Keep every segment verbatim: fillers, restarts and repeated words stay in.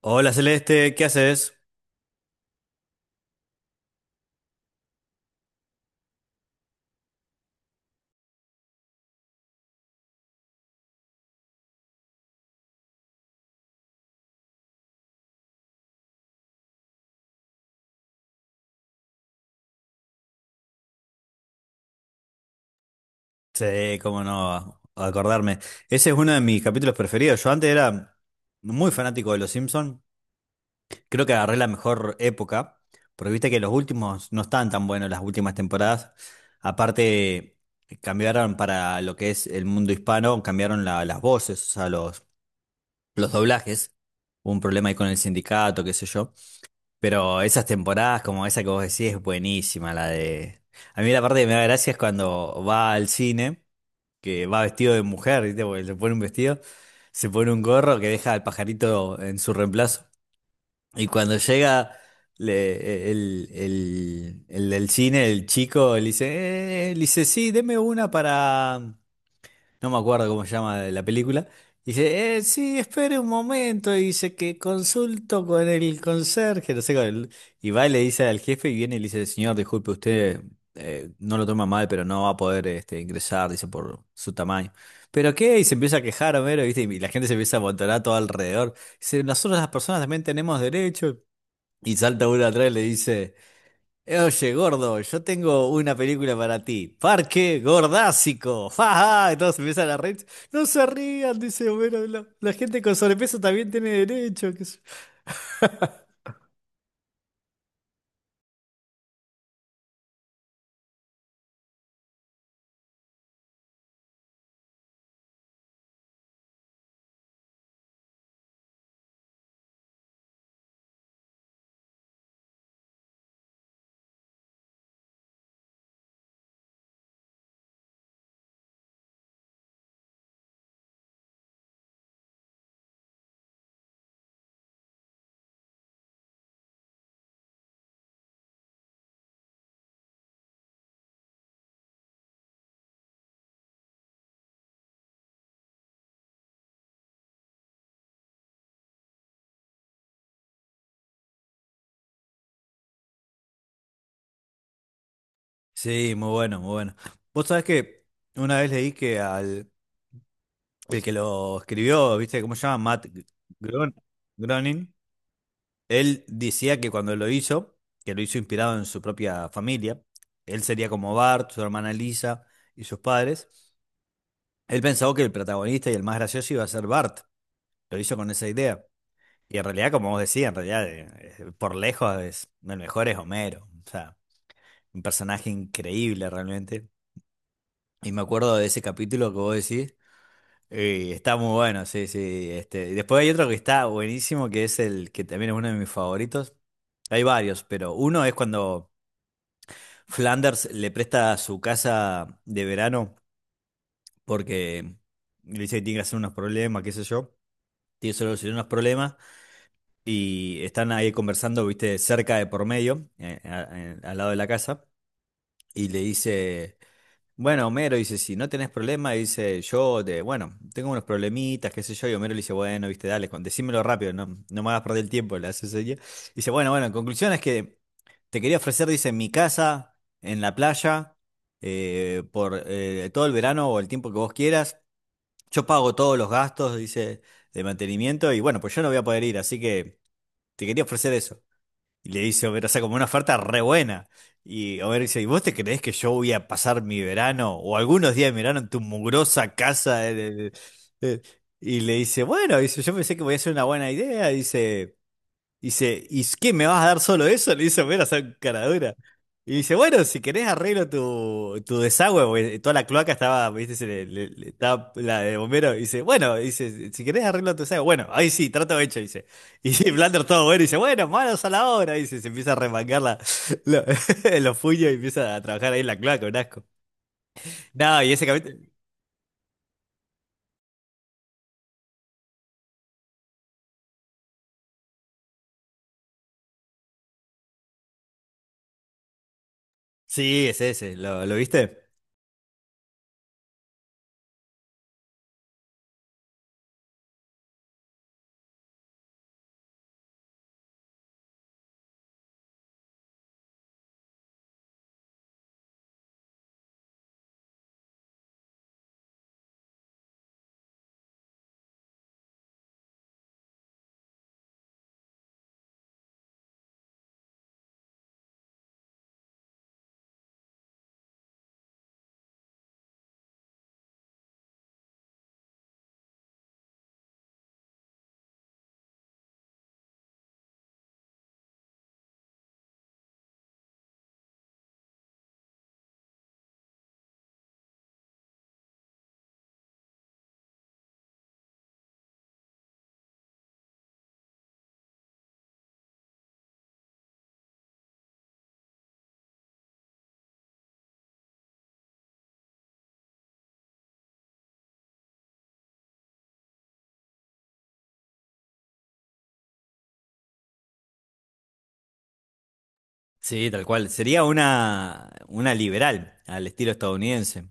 Hola Celeste, ¿qué haces? Sí, cómo no acordarme. Ese es uno de mis capítulos preferidos. Yo antes era muy fanático de Los Simpsons. Creo que agarré la mejor época, porque viste que los últimos no están tan buenos, las últimas temporadas. Aparte, cambiaron para lo que es el mundo hispano, cambiaron la- las voces, o sea, los, los doblajes. Hubo un problema ahí con el sindicato, qué sé yo. Pero esas temporadas, como esa que vos decís, es buenísima la de. A mí la parte que me da gracia es cuando va al cine, que va vestido de mujer, ¿viste? Porque se pone un vestido, se pone un gorro que deja al pajarito en su reemplazo. Y cuando llega le- el, el, el del cine, el chico, le dice, eh, le dice, sí, deme una para no me acuerdo cómo se llama la película. Dice, eh, sí, espere un momento. Y dice que consulto con el conserje, no sé, con el- y va y le dice al jefe y viene y le dice, señor, disculpe, usted, eh, no lo toma mal, pero no va a poder este, ingresar, dice, por su tamaño. ¿Pero qué? Y se empieza a quejar Homero, ¿viste? Y la gente se empieza a amontonar todo alrededor. Dice, nosotros las personas también tenemos derecho. Y salta uno atrás y le dice. Oye, gordo, yo tengo una película para ti. Parque Gordásico. ¡Ja, ja! Entonces empiezan a reír. No se rían, dice, bueno, la, la gente con sobrepeso también tiene derecho. Qué sé yo. Sí, muy bueno, muy bueno. Vos sabés que una vez leí que al el que lo escribió, ¿viste cómo se llama? Matt Gron- Groening. Él decía que cuando lo hizo, que lo hizo inspirado en su propia familia, él sería como Bart, su hermana Lisa y sus padres. Él pensó que el protagonista y el más gracioso iba a ser Bart. Lo hizo con esa idea. Y en realidad, como vos decías, en realidad, eh, eh, por lejos, es, el mejor es Homero. O sea, un personaje increíble realmente. Y me acuerdo de ese capítulo que vos decís. Y está muy bueno, sí, sí. Este. Y después hay otro que está buenísimo, que es el que también es uno de mis favoritos. Hay varios, pero uno es cuando Flanders le presta su casa de verano porque le dice que tiene que hacer unos problemas, qué sé yo. Tiene que solucionar unos problemas. Y están ahí conversando, viste, cerca de por medio, eh, a- a- al lado de la casa, y le dice, bueno, Homero dice, si no tenés problema, dice, yo, de, bueno, tengo unos problemitas, qué sé yo, y Homero le dice, bueno, viste, dale, con- decímelo rápido, no, no me hagas perder el tiempo, le hace seña. Dice, bueno, bueno, en conclusión es que te quería ofrecer, dice, mi casa en la playa, eh, por eh, todo el verano o el tiempo que vos quieras, yo pago todos los gastos, dice, de mantenimiento, y bueno, pues yo no voy a poder ir, así que... Te quería ofrecer eso. Y le dice Homero, o sea, como una oferta re buena. Y Homero dice, ¿y vos te creés que yo voy a pasar mi verano o algunos días de verano en tu mugrosa casa? de- de- de- Y le dice, bueno, dice, yo pensé que voy a hacer una buena idea. Dice, Dice, ¿y qué? ¿Me vas a dar solo eso? Le dice Homero a esa caradura. Y dice, bueno, si querés arreglo tu, tu desagüe, porque eh, toda la cloaca estaba, viste, se le- le- le- estaba la de bombero. Y dice, bueno, dice, si querés arreglo tu desagüe, bueno, ahí sí, trato hecho, dice. Y Blander todo bueno, dice, bueno, manos a la obra, dice, se empieza a remangar la, la- los puños y empieza a trabajar ahí en la cloaca, un asco. No, y ese capítulo, sí, es ese, ¿lo, lo viste? Sí, tal cual. Sería una, una liberal al estilo estadounidense.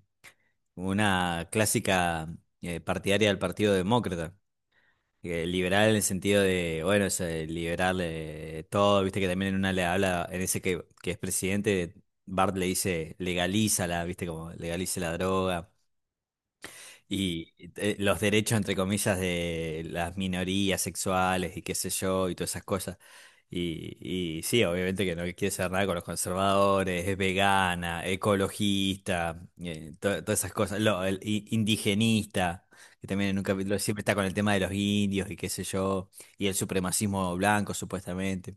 Una clásica eh, partidaria del Partido Demócrata, eh, liberal en el sentido de, bueno, es, eh, liberal, eh, todo, viste que también en una le habla, en ese que, que es presidente, Bart le dice, legalízala, viste como legalice la droga. Y eh, los derechos, entre comillas, de las minorías sexuales y qué sé yo, y todas esas cosas. Y, y sí, obviamente que no quiere ser nada con los conservadores, es vegana, ecologista, eh, to- todas esas cosas. Lo- el i- indigenista, que también en un capítulo siempre está con el tema de los indios y qué sé yo, y el supremacismo blanco, supuestamente.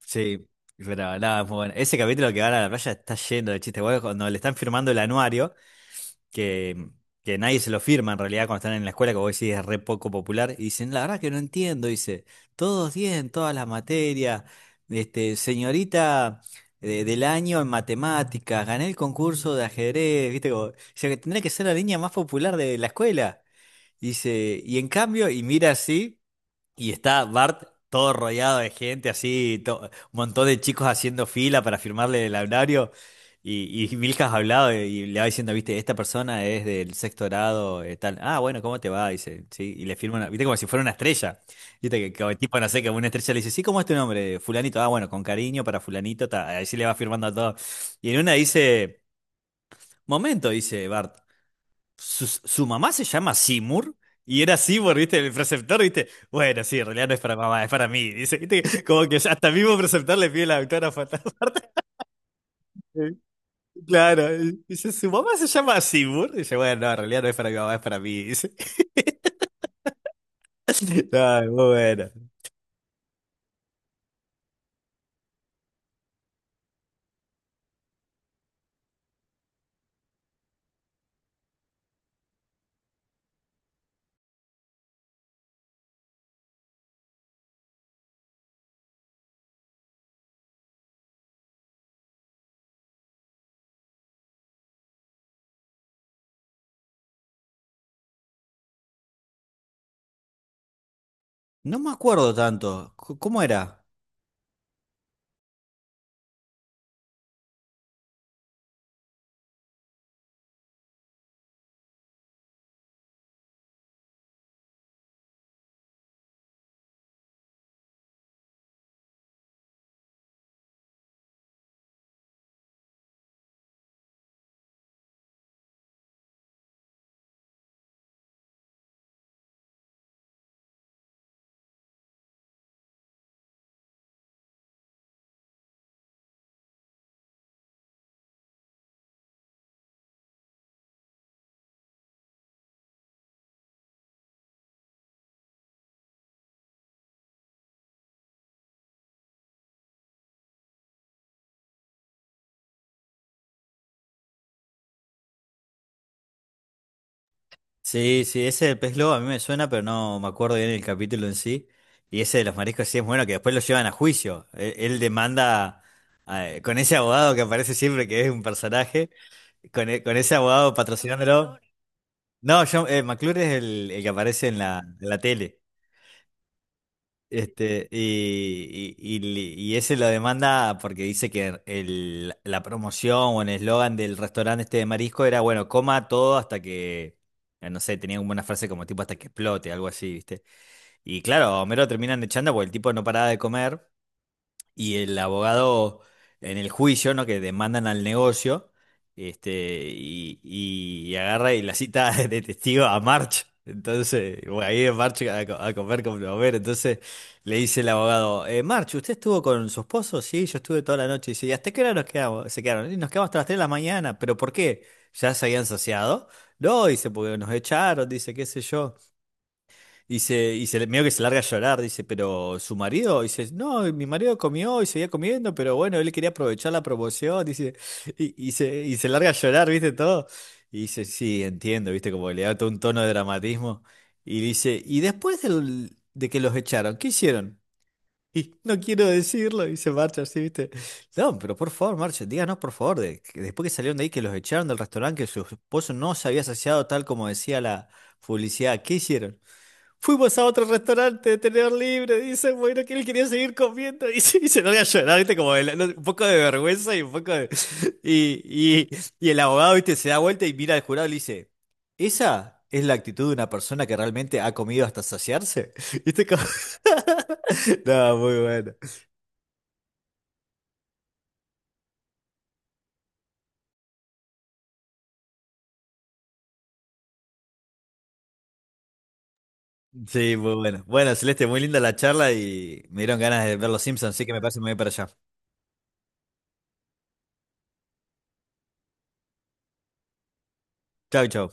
Sí, pero nada, es muy bueno. Ese capítulo que van a la playa está lleno de chistes. Bueno, cuando le están firmando el anuario, que, que nadie se lo firma en realidad cuando están en la escuela, que vos decís es re poco popular, y dicen, la verdad que no entiendo, dice, todos diez en todas las materias, este, señorita eh, del año en matemáticas, gané el concurso de ajedrez, viste, como, o sea que tendría que ser la niña más popular de la escuela. Dice, y en cambio, y mira así. Y está Bart todo rodeado de gente, así, to- un montón de chicos haciendo fila para firmarle el anuario. Y, y Milhouse hablado y le va diciendo, viste, esta persona es del sexto grado, eh, tal. Ah, bueno, ¿cómo te va? Dice, sí. Y le firma una, viste, como si fuera una estrella. Viste, que, que el tipo, no sé, que una estrella le dice, sí, ¿cómo es tu nombre? "Eh, Fulanito. Ah, bueno, con cariño para fulanito, ta." Así le va firmando a todos. Y en una dice, momento, dice Bart. Su, su mamá se llama Seymour y era Seymour, ¿viste? El preceptor, ¿viste? Bueno, sí, en realidad no es para mamá, es para mí. Dice, ¿viste? Como que hasta el mismo preceptor le pide la autógrafa. Claro, y dice, su mamá se llama Seymour. Dice, bueno, no, en realidad no es para mi mamá, es para mí. Dice, ay, muy bueno. No me acuerdo tanto. C- ¿Cómo era? Sí, sí, ese del pez globo a mí me suena, pero no me acuerdo bien el capítulo en sí. Y ese de los mariscos sí es bueno, que después lo llevan a juicio. Él, él demanda, eh, con ese abogado que aparece siempre, que es un personaje, con, e- con ese abogado patrocinándolo. No, John, eh, McClure es el, el que aparece en la, en la tele. Este, y, y, y li- y ese lo demanda porque dice que el- la promoción o el eslogan del restaurante este de marisco era, bueno, coma todo hasta que, eh, no sé, tenía como una frase como tipo hasta que explote, algo así, ¿viste? Y claro, a Homero lo terminan echando porque el tipo no paraba de comer. Y el abogado en el juicio, ¿no? Que demandan al negocio, este, y, y agarra y la cita de testigo a March. Entonces, bueno, ahí es March a, co- a comer con Blover. Entonces le dice el abogado, eh, March, ¿usted estuvo con su esposo? Sí, yo estuve toda la noche. Y dice, ¿y hasta qué hora nos quedamos? Se quedaron. "Y nos quedamos hasta las tres de la mañana. ¿Pero por qué? ¿Ya se habían saciado? No, dice, porque nos echaron, dice, qué sé yo. Y se, y se, medio que se larga a llorar, dice, pero su marido, dice, no, mi marido comió y seguía comiendo, pero bueno, él quería aprovechar la promoción, dice, y, y se, y se larga a llorar, ¿viste todo? Y dice, sí, entiendo, ¿viste? Como que le da todo un tono de dramatismo. Y dice, ¿y después del- de que los echaron, qué hicieron? Y no quiero decirlo, y se marcha así, ¿viste? No, pero por favor, marcha, díganos por favor, de- que después que salieron de ahí, que los echaron del restaurante, que su esposo no se había saciado tal como decía la publicidad, ¿qué hicieron? Fuimos a otro restaurante de tener libre, dice, bueno, que él quería seguir comiendo y se, y se larga a llorar, viste, como de la- no, un poco de vergüenza y un poco de... Y, y, y el abogado, viste, se da vuelta y mira al jurado y le dice, ¿esa es la actitud de una persona que realmente ha comido hasta saciarse? Viste, como... No, muy bueno. Sí, muy bueno. Bueno, Celeste, muy linda la charla y me dieron ganas de ver los Simpsons, así que me parece muy bien para allá. Chau, chau.